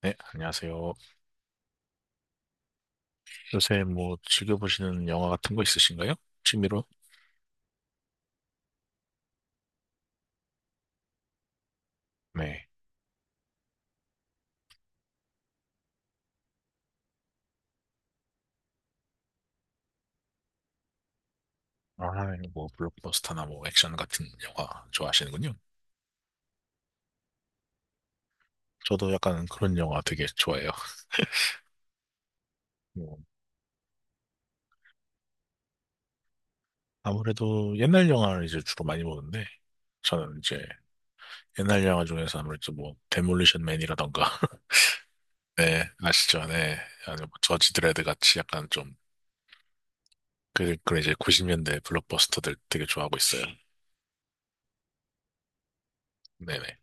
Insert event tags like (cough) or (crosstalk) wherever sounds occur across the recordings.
네, 안녕하세요. 요새 뭐 즐겨보시는 영화 같은 거 있으신가요? 취미로? 네. 아, 뭐 블록버스터나 뭐 액션 같은 영화 좋아하시는군요. 저도 약간 그런 영화 되게 좋아해요. 뭐, 아무래도 옛날 영화를 이제 주로 많이 보는데 저는 이제 옛날 영화 중에서 아무래도 뭐 데몰리션 맨이라던가 (laughs) 네, 아시죠? 네. 아니 뭐 저지 드레드 같이 약간 좀 그런 이제 90년대 블록버스터들 되게 좋아하고 있어요. 네네.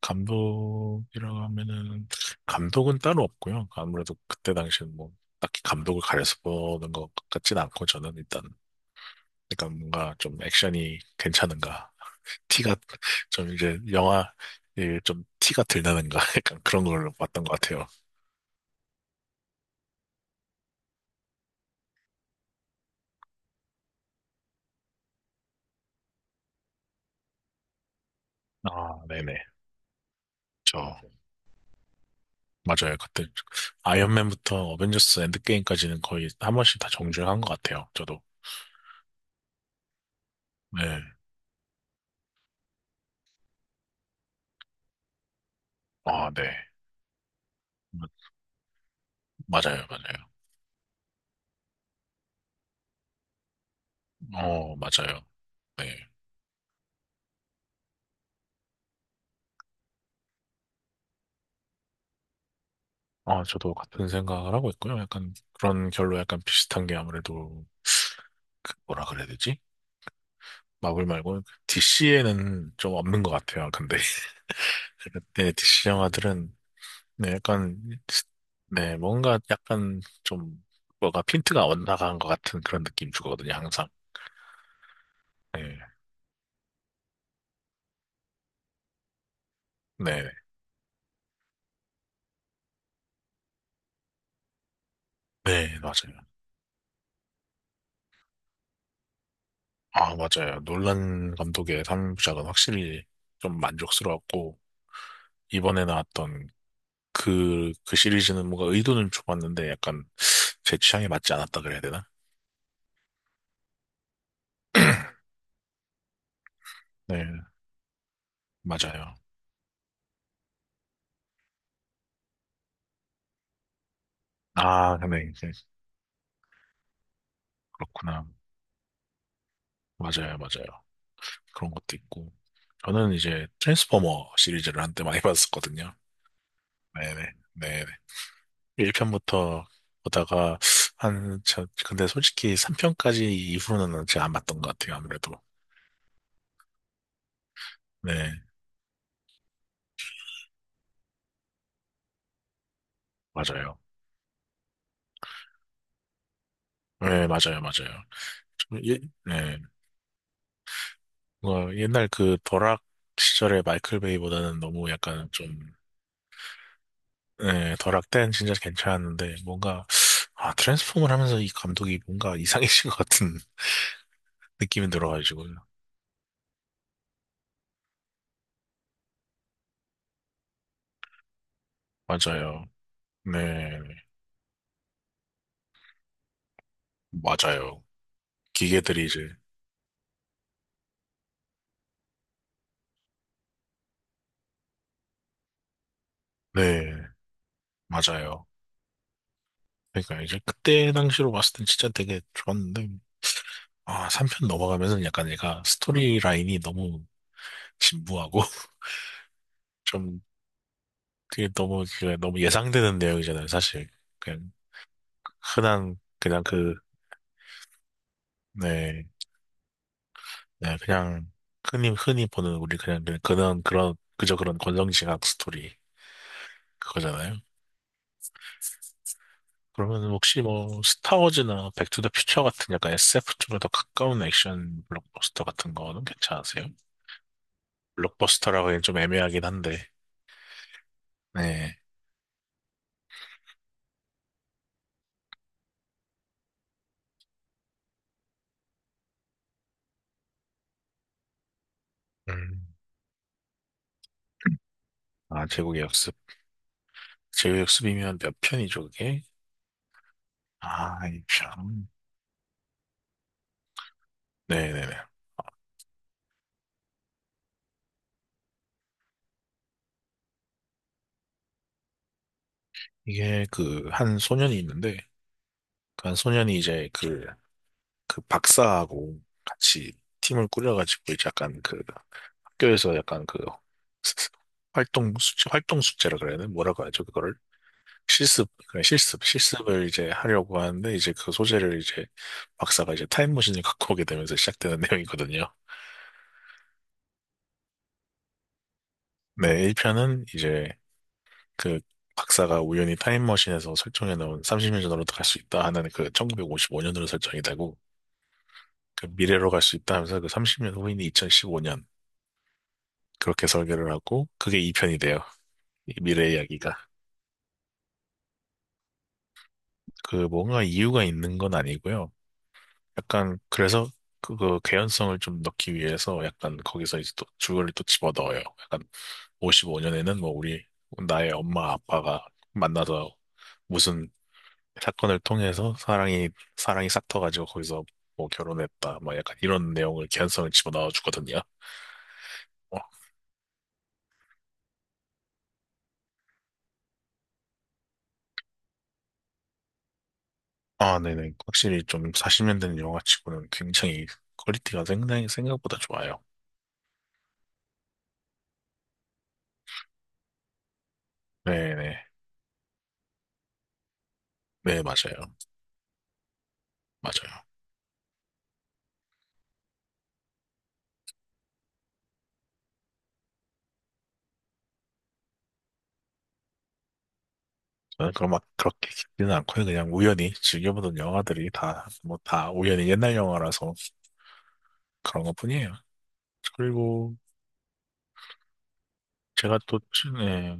감독이라고 하면은 감독은 따로 없고요. 아무래도 그때 당시는 뭐 딱히 감독을 가려서 보는 것 같진 않고 저는 일단 그러니까 뭔가 좀 액션이 괜찮은가 티가 좀 이제 영화 이좀 티가 들나는가 (laughs) 약간 그런 걸로 봤던 것 같아요. 아 네네 저 맞아요. 맞아요 그때 아이언맨부터 어벤져스 엔드게임까지는 거의 한 번씩 다 정주행한 것 같아요. 저도 네. 아, 네. 맞- 맞아요, 맞아요. 어, 맞아요. 네. 아, 저도 같은 생각을 하고 있고요. 약간 그런 결로 약간 비슷한 게 아무래도 뭐라 그래야 되지? 마블 말고 DC에는 좀 없는 것 같아요. 근데 (laughs) 네, DC 영화들은 네, 약간 네, 뭔가 약간 좀 뭐가 핀트가 엇나간 것 같은 그런 느낌 주거든요. 항상. 네, 네, 네, 맞아요. 아, 맞아요. 놀란 감독의 3부작은 확실히 좀 만족스러웠고 이번에 나왔던 그 시리즈는 뭔가 의도는 좋았는데 약간 제 취향에 맞지 않았다 그래야 되나? 네, 맞아요. 아, 근데 이제 그렇구나. 맞아요, 맞아요. 그런 것도 있고. 저는 이제 트랜스포머 시리즈를 한때 많이 (laughs) 봤었거든요. 네네, 네네. 1편부터 보다가 한, 저, 근데 솔직히 3편까지 이후로는 제가 안 봤던 것 같아요, 아무래도. 네, 맞아요. 네, 맞아요, 맞아요. 좀 예, 네. 뭔가 옛날 그 버락 시절의 마이클 베이보다는 너무 약간 좀, 예, 버락 땐 진짜 괜찮았는데, 뭔가, 아, 트랜스폼을 하면서 이 감독이 뭔가 이상해진 것 같은 (laughs) 느낌이 들어가지고. 맞아요. 네, 맞아요. 기계들이 이제, 네, 맞아요. 그러니까 이제 그때 당시로 봤을 땐 진짜 되게 좋았는데, 아, 3편 넘어가면서 약간 얘가 스토리 라인이 너무 진부하고, (laughs) 좀, 그게 너무, 그 너무 예상되는 내용이잖아요, 사실. 흔한 그냥 그, 네, 네, 그냥 흔히 흔히 보는 우리 그냥 그런 그저 그런 권선징악 스토리 그거잖아요. 그러면 혹시 뭐 스타워즈나 백투더퓨처 같은 약간 SF 쪽에 더 가까운 액션 블록버스터 같은 거는 괜찮으세요? 블록버스터라고 하기엔 좀 애매하긴 한데, 네. 음. 아, 제국의 역습. 제국의 역습이면 몇 편이죠, 그게? 아, 이 편. 네네네. 이게 그, 한 소년이 있는데, 그 한 소년이 이제 그, 그 박사하고 같이 팀을 꾸려가지고 이제 약간 그 학교에서 약간 그 활동 숙제, 활동 숙제라 그래야 되나? 뭐라고 하죠? 그거를 실습을 이제 하려고 하는데 이제 그 소재를 이제 박사가 이제 타임머신을 갖고 오게 되면서 시작되는 (laughs) 내용이거든요. 네, 1편은 이제 그 박사가 우연히 타임머신에서 설정해 놓은 30년 전으로 갈 수 있다 하는 그 1955년으로 설정이 되고 그 미래로 갈 수 있다 하면서 그 30년 후인 2015년 그렇게 설계를 하고 그게 이편이 돼요. 이 미래 이야기가. 그 뭔가 이유가 있는 건 아니고요. 약간 그래서 그거 개연성을 좀 넣기 위해서 약간 거기서 이제 또 줄거리를 또 집어넣어요. 약간 55년에는 뭐 우리 나의 엄마 아빠가 만나서 무슨 사건을 통해서 사랑이 싹터가지고 거기서 뭐 결혼했다. 막 약간 이런 내용을 개연성을 집어넣어 주거든요. 어, 아, 네네. 확실히 좀 40년 된 영화치고는 굉장히 퀄리티가 상당히 생각보다 좋아요. 네네. 네, 맞아요. 맞아요. 저는 그럼 막 그렇게 깊지는 않고요. 그냥 우연히 즐겨보던 영화들이 다, 뭐 다 우연히 옛날 영화라서 그런 것뿐이에요. 그리고 제가 또, 네,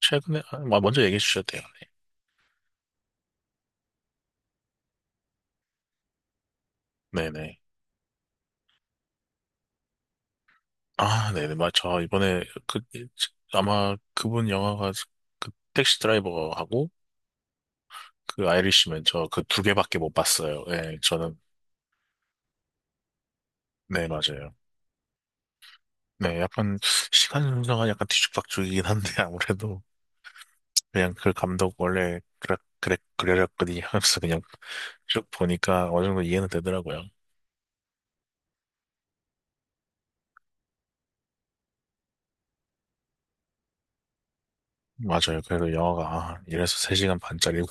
최근에, 아, 뭐 먼저 얘기해 주셔도 돼요. 네네. 아, 네네. 맞죠. 이번에 그, 아마 그분 영화가 그 택시 드라이버하고 그 아이리시맨 저 그 두 개밖에 못 봤어요. 예, 저는 네, 맞아요. 네, 약간 시간 순서가 약간 뒤죽박죽이긴 한데 (laughs) 아무래도 그냥 그 감독 원래 그래랬거든요 하면서 (laughs) 그냥 쭉 보니까 어느 정도 이해는 되더라고요. 맞아요. 그래도 영화가 아, 이래서 3시간 반짜리라는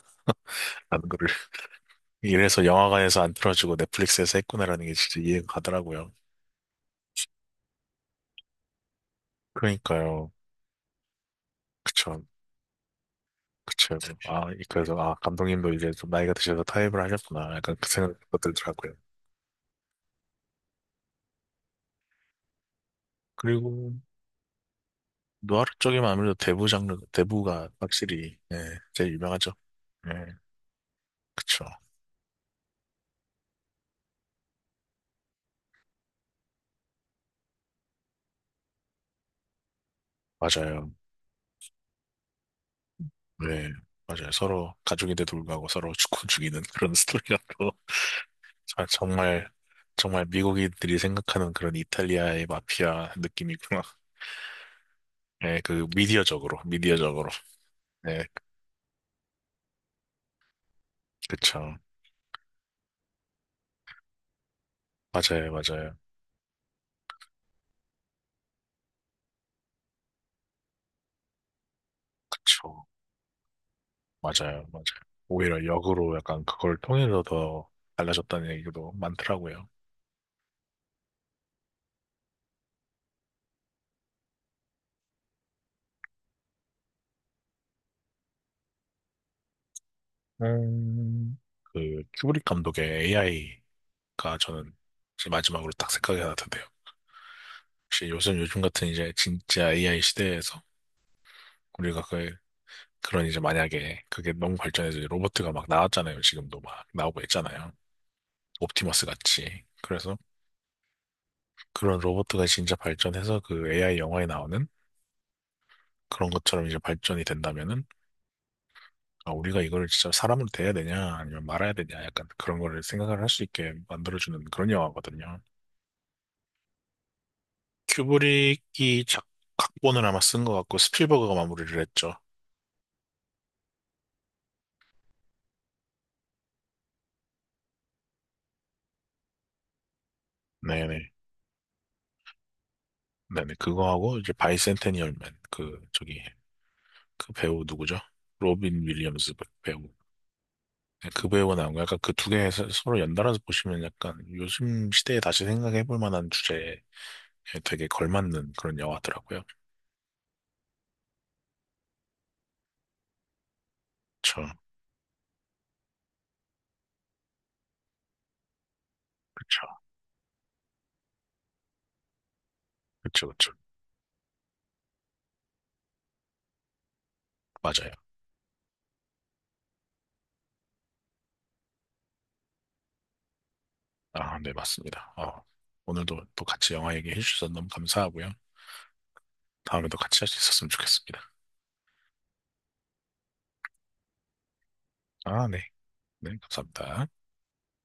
거를 (laughs) 이래서 영화관에서 안 틀어주고 넷플릭스에서 했구나라는 게 진짜 이해가 가더라고요. 그러니까요. 그쵸. 그쵸. 아, 그래서 아 감독님도 이제 좀 나이가 드셔서 타협을 하셨구나. 약간 그 생각도 들더라고요. 그리고 노하루 쪽이면 아무래도 대부 장르, 대부가 확실히, 예, 제일 유명하죠. 예, 그쵸. 맞아요. 네, 맞아요. 서로 가족인데 돌구하고 서로 (laughs) 죽고 죽이는 그런 (laughs) 스토리라고. 아, 정말, 정말 미국인들이 생각하는 그런 이탈리아의 마피아 느낌이구나. (laughs) 예, 그 미디어적으로. 예, 그쵸. 맞아요, 맞아요. 그쵸. 맞아요, 맞아요. 오히려 역으로 약간 그걸 통해서 더 달라졌다는 얘기도 많더라고요. 음, 그 큐브릭 감독의 AI가 저는 제 마지막으로 딱 생각이 하나 드네요. 혹시 요즘 같은 이제 진짜 AI 시대에서 우리가 그 그런 이제 만약에 그게 너무 발전해서 이제 로봇가 막 나왔잖아요. 지금도 막 나오고 있잖아요. 옵티머스 같이. 그래서 그런 로봇가 진짜 발전해서 그 AI 영화에 나오는 그런 것처럼 이제 발전이 된다면은 아, 우리가 이걸 진짜 사람으로 대해야 되냐 아니면 말아야 되냐 약간 그런 거를 생각을 할 수 있게 만들어주는 그런 영화거든요. 큐브릭이 작, 각본을 아마 쓴 것 같고 스필버그가 마무리를 했죠. 네네. 네네. 그거하고 이제 바이센테니얼맨 그 저기 그 배우 누구죠? 로빈 윌리엄스 배우. 네, 그 배우가 나온 거 약간 그 두 개 서로 연달아서 보시면 약간 요즘 시대에 다시 생각해 볼 만한 주제에 되게 걸맞는 그런 영화더라고요. 그쵸. 그쵸. 그쵸. 그쵸. 맞아요. 아, 네, 맞습니다. 어, 오늘도 또 같이 영화 얘기해 주셔서 너무 감사하고요. 다음에도 같이 할 수 있었으면 좋겠습니다. 아, 네. 네, 감사합니다.